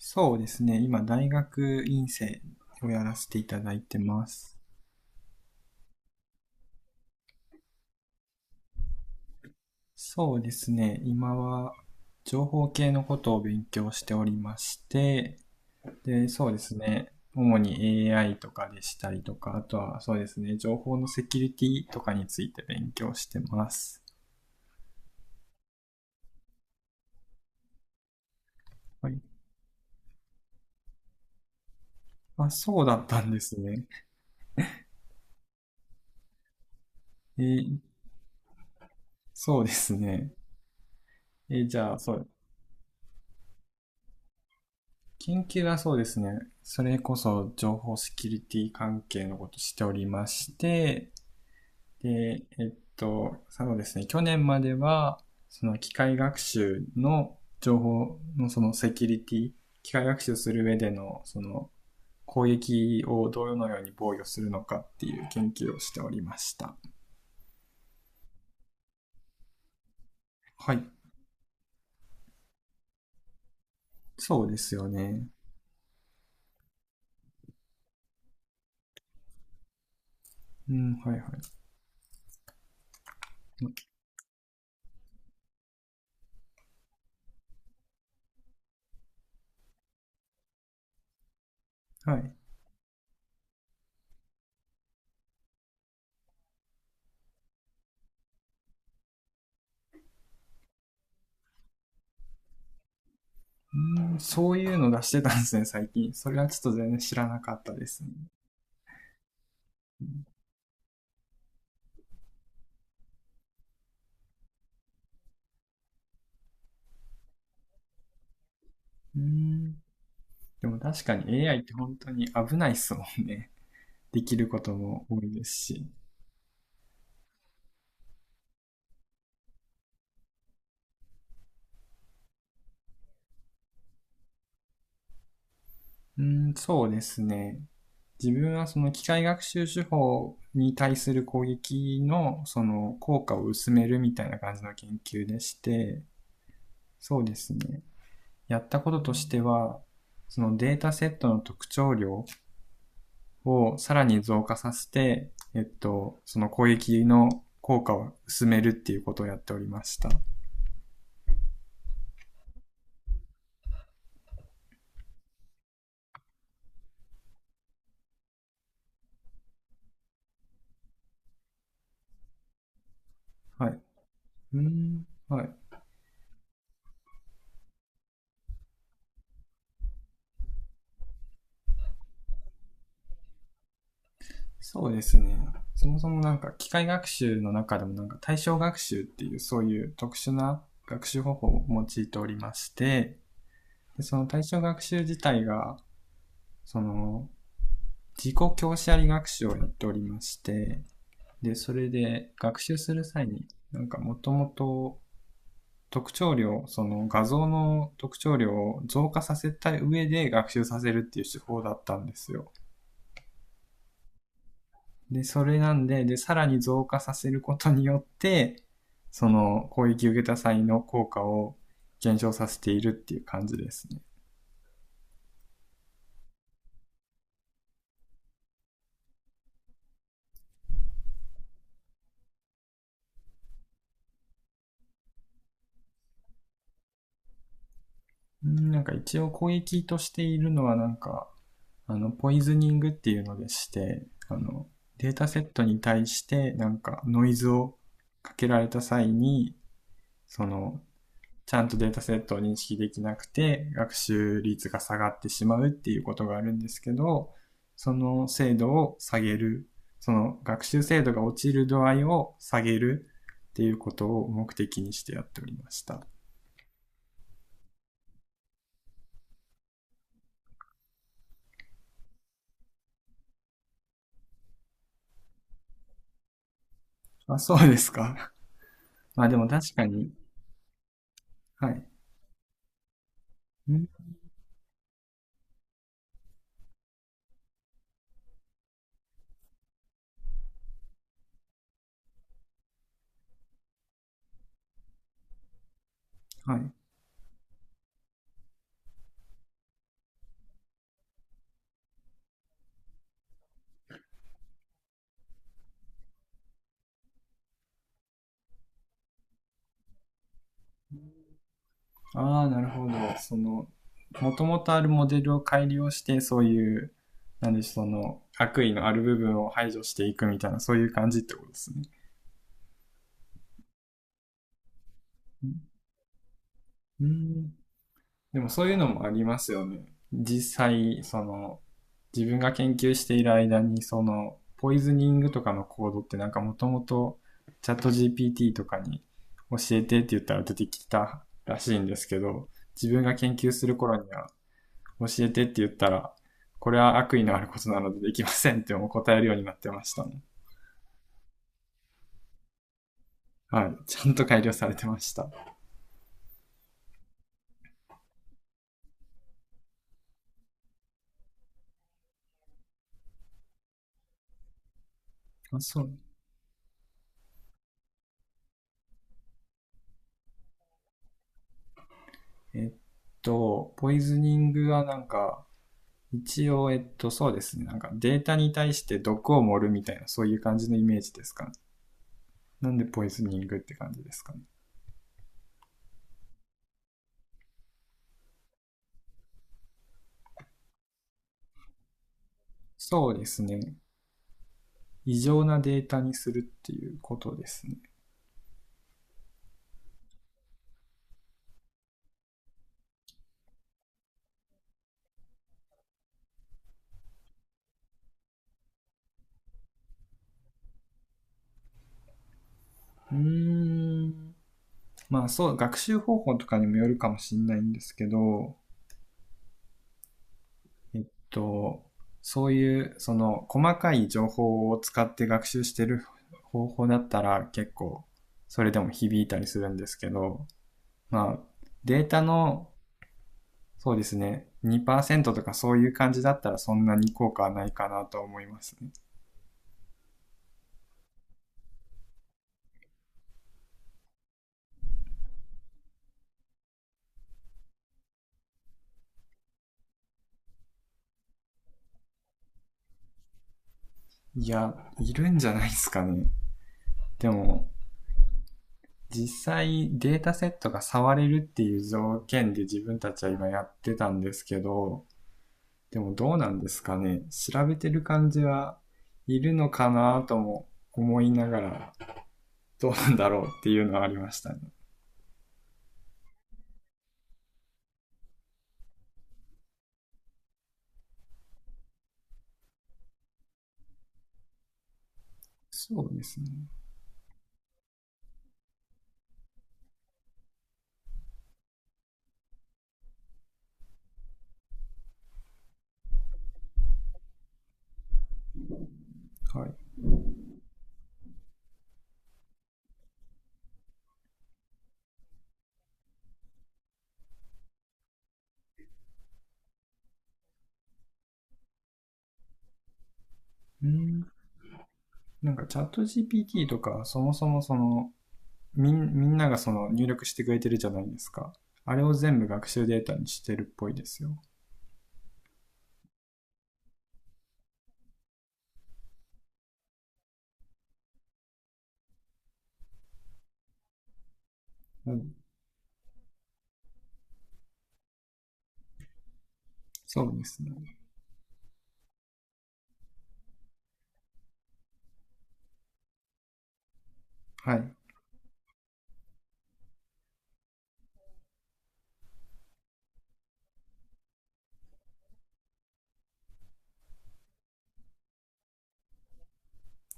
そうですね。今、大学院生をやらせていただいてます。そうですね。今は、情報系のことを勉強しておりまして、で、そうですね。主に AI とかでしたりとか、あとはそうですね、情報のセキュリティとかについて勉強してます。はい。まあ、そうだったんですね。えーそうですね。じゃあ、研究はそうですね。それこそ情報セキュリティ関係のことをしておりまして、で、そうですね。去年までは、その機械学習の情報のそのセキュリティ、機械学習する上でのその攻撃をどのように防御するのかっていう研究をしておりました。はい。そうですよね。うん、はいはい。はい。うん、そういうの出してたんですね、最近。それはちょっと全然知らなかったですね。うーん。でも確かに AI って本当に危ないっすもんね。できることも多いですし。うーん、そうですね。自分はその機械学習手法に対する攻撃のその効果を薄めるみたいな感じの研究でして、そうですね。やったこととしては、そのデータセットの特徴量をさらに増加させて、その攻撃の効果を薄めるっていうことをやっておりました。はい。うーん。はい。そうですね。そもそもなんか機械学習の中でもなんか対象学習っていうそういう特殊な学習方法を用いておりまして、でその対象学習自体が、その自己教師あり学習をやっておりまして、で、それで学習する際になんかもともと特徴量、その画像の特徴量を増加させた上で学習させるっていう手法だったんですよ。で、それなんで、で、さらに増加させることによって、その攻撃を受けた際の効果を減少させているっていう感じですね。なんか一応攻撃としているのはなんか、あの、ポイズニングっていうのでして、あの、データセットに対してなんかノイズをかけられた際に、そのちゃんとデータセットを認識できなくて、学習率が下がってしまうっていうことがあるんですけど、その精度を下げる、その学習精度が落ちる度合いを下げるっていうことを目的にしてやっておりました。あ、そうですか。まあでも確かに、はい。んはい。ああ、なるほど。その、もともとあるモデルを改良して、そういう、なんでしょう、その、悪意のある部分を排除していくみたいな、そういう感じってことですね。うん、でもそういうのもありますよね。実際、その、自分が研究している間に、その、ポイズニングとかのコードってなんかもともとチャット GPT とかに教えてって言ったら出てきたらしいんですけど、自分が研究する頃には教えてって言ったら、これは悪意のあることなのでできませんってもう答えるようになってましたね。はい。ちゃんと改良されてました。あ、そう。えっポイズニングはなんか、一応、そうですね。なんかデータに対して毒を盛るみたいな、そういう感じのイメージですかね。なんでポイズニングって感じですかね。そうですね。異常なデータにするっていうことですね。うーん。まあそう、学習方法とかにもよるかもしれないんですけど、えっと、そういう、その、細かい情報を使って学習してる方法だったら結構、それでも響いたりするんですけど、まあ、データのそうですね。2%とかそういう感じだったらそんなに効果はないかなと思いますね。いや、いるんじゃないですかね。でも、実際データセットが触れるっていう条件で自分たちは今やってたんですけど、でもどうなんですかね。調べてる感じはいるのかなとも思いながら、どうなんだろうっていうのはありましたね。そうですね。はい。うん。なんかチャット GPT とかそもそもそのみんながその入力してくれてるじゃないですか。あれを全部学習データにしてるっぽいですよ。うん。そうですね。はい。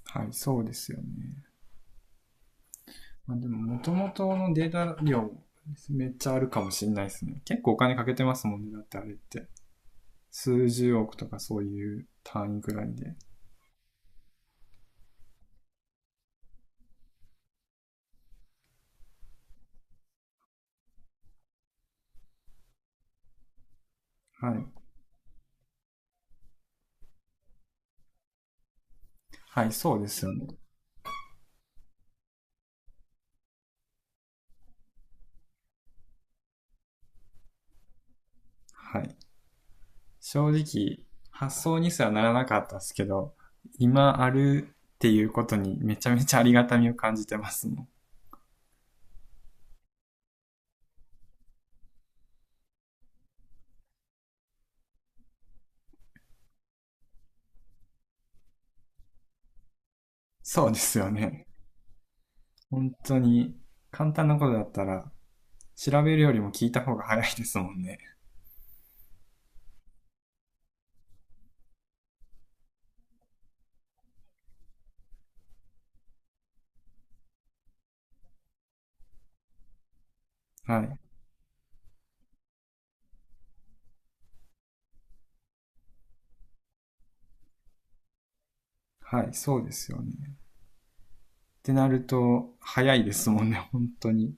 はい、そうですよね。まあでも、元々のデータ量、めっちゃあるかもしれないですね。結構お金かけてますもんね。だってあれって。数十億とかそういう単位くらいで。はい。はい、そうですよね。はい。正直、発想にすらならなかったですけど、今あるっていうことにめちゃめちゃありがたみを感じてますもん。そうですよね。本当に、簡単なことだったら、調べるよりも聞いた方が早いですもんね。はい。はい、そうですよね。ってなると、早いですもんね、本当に。